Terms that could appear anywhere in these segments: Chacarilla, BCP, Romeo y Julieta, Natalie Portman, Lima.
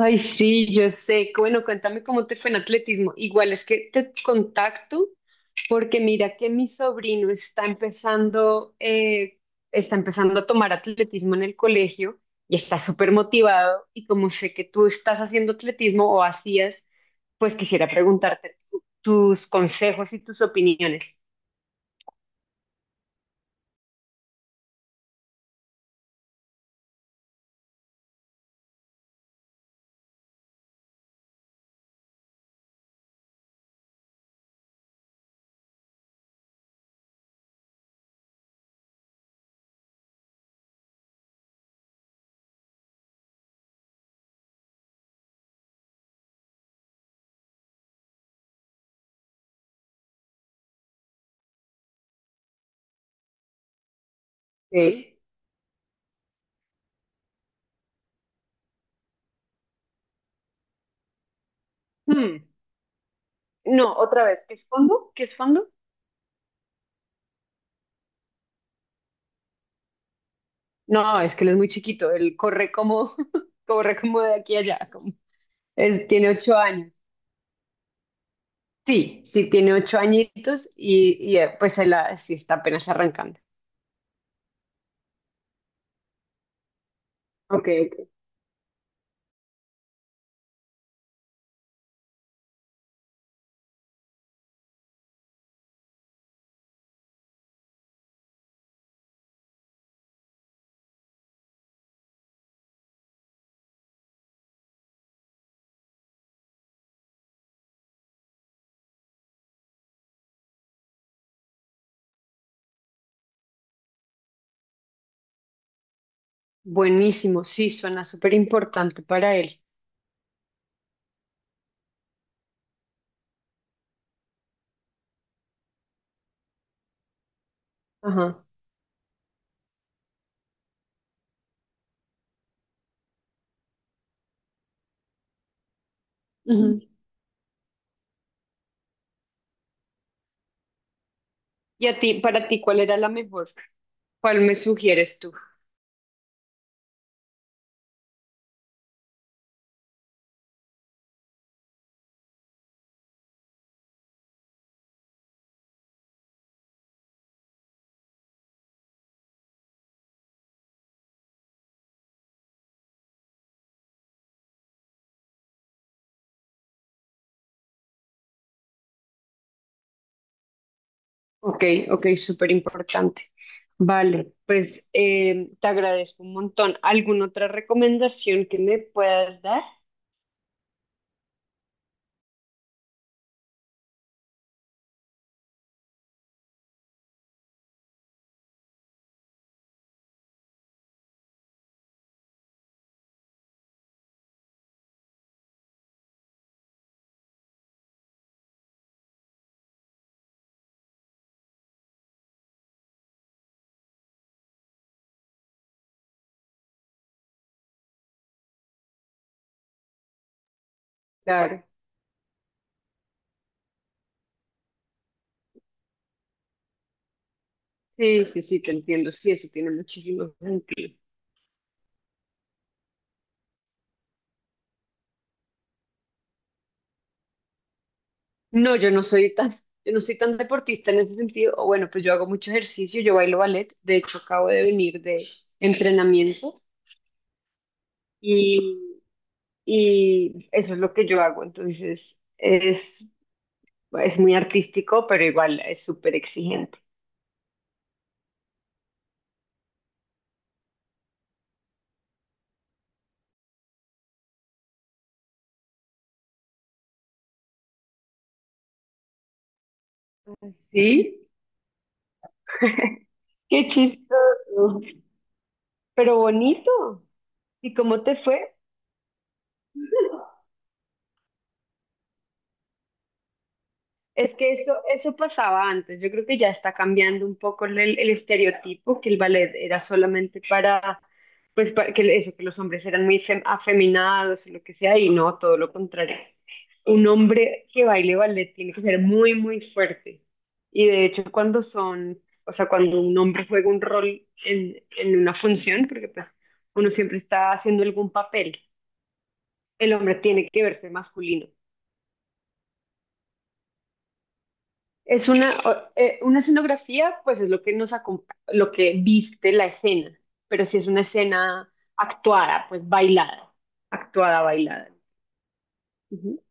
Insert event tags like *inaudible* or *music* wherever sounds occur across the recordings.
Ay, sí, yo sé. Bueno, cuéntame cómo te fue en atletismo. Igual es que te contacto porque mira que mi sobrino está empezando a tomar atletismo en el colegio y está súper motivado. Y como sé que tú estás haciendo atletismo o hacías, pues quisiera preguntarte tus consejos y tus opiniones. ¿Eh? Hmm. No, otra vez, ¿qué es fondo? ¿Qué es fondo? No, es que él es muy chiquito, él corre como, *laughs* corre como de aquí a allá. Es- tiene 8 años. Sí, sí, tiene 8 añitos y, pues él ah, sí está apenas arrancando. Ok, ok. Buenísimo, sí, suena súper importante para él. Ajá. Ujú. Y a ti, para ti, ¿cuál era la mejor? ¿Cuál me sugieres tú? Ok, ok, súper importante. Vale, pues, te agradezco un montón. ¿Alguna otra recomendación que me puedas dar? Claro. Sí, sí, sí, te entiendo. Sí, eso tiene muchísimo sentido. No, yo no soy tan, *laughs* yo no soy tan deportista en ese sentido. O bueno, pues yo hago mucho ejercicio, yo bailo ballet. De hecho, acabo de venir de entrenamiento y, y eso es lo que yo hago. Entonces, es muy artístico, pero igual es súper exigente. ¿Sí? Qué chistoso, pero bonito. ¿Y cómo te fue? Es que eso pasaba antes. Yo creo que ya está cambiando un poco el estereotipo, que el ballet era solamente para, pues, para que eso, que los hombres eran muy afeminados o lo que sea, y no, todo lo contrario. Un hombre que baile ballet tiene que ser muy, muy fuerte. Y de hecho, cuando son, o sea, cuando un hombre juega un rol en una función, porque pues uno siempre está haciendo algún papel, el hombre tiene que verse masculino. Es una, una escenografía, pues es lo que lo que viste la escena, pero si es una escena actuada, pues bailada, actuada, bailada. Ujú.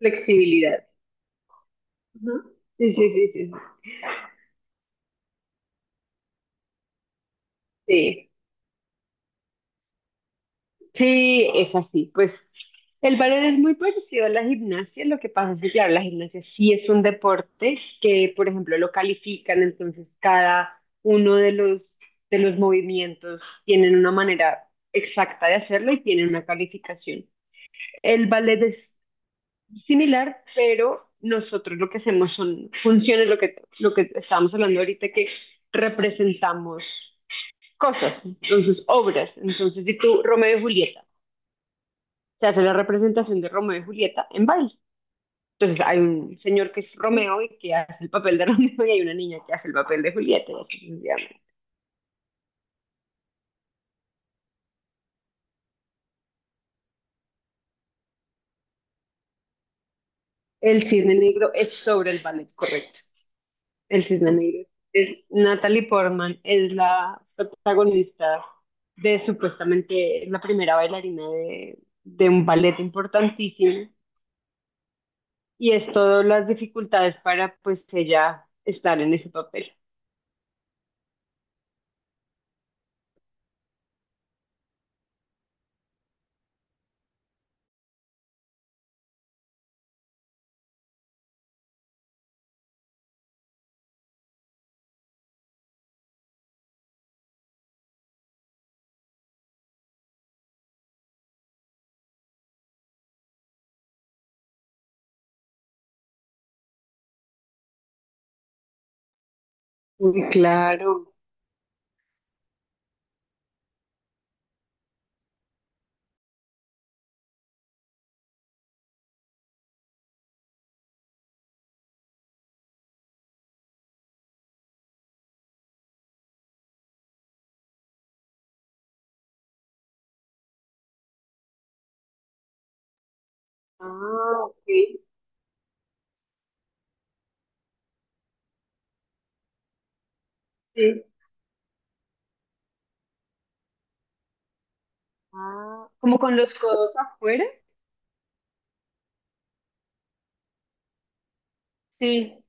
Flexibilidad. Ujú. Sí, sí, sí, sí. Sí, sí, es así. Pues el ballet es muy parecido a la gimnasia. Lo que pasa es que, claro, la gimnasia sí es un deporte que, por ejemplo, lo califican. Entonces, cada uno de de los movimientos tienen una manera exacta de hacerlo y tienen una calificación. El ballet es similar, pero nosotros lo que hacemos son funciones, lo que estábamos hablando ahorita, que representamos cosas, entonces obras. Entonces, si tú, Romeo y Julieta, se hace la representación de Romeo y Julieta en baile. Entonces hay un señor que es Romeo y que hace el papel de *laughs* Romeo y hay una niña que hace el papel de Julieta y así sucesivamente. El Cisne Negro es sobre el ballet, correcto. El Cisne Negro es Natalie Portman, es la protagonista de supuestamente la primera bailarina de un ballet importantísimo y es todas las dificultades para pues ella estar en ese papel. Muy claro. Ah, ok. Sí, ah, como con los codos afuera. Sí.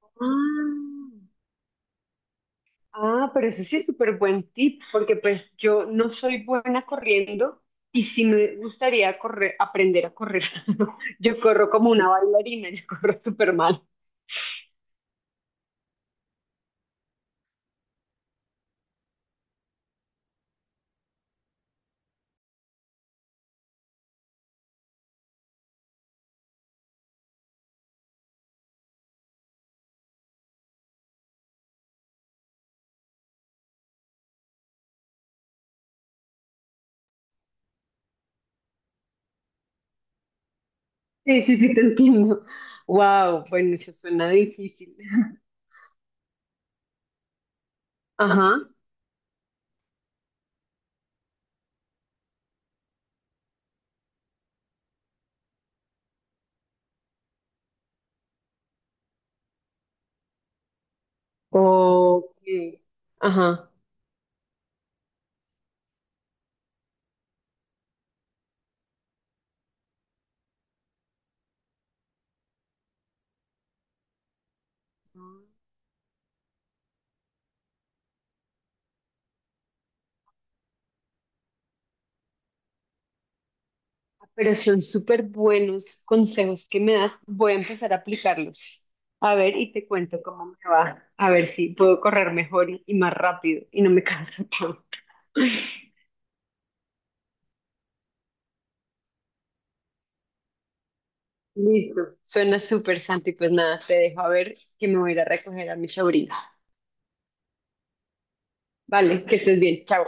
Ah, ah, pero eso sí es súper buen tip, porque pues yo no soy buena corriendo sí me gustaría correr, aprender a correr. *laughs* Yo corro como una bailarina, yo corro súper mal. Sí, sí, sí, te entiendo. Wow, bueno, eso suena difícil. Ajá. Ok. Ajá. Pero son súper buenos consejos que me das. Voy a empezar a aplicarlos. A ver, y te cuento cómo me va. A ver si puedo correr mejor y más rápido y no me canso tanto. *laughs* Listo. Suena súper, Santi. Pues nada, te dejo a ver que me voy a ir a recoger a mi sobrina. Vale, que estés bien. Chao.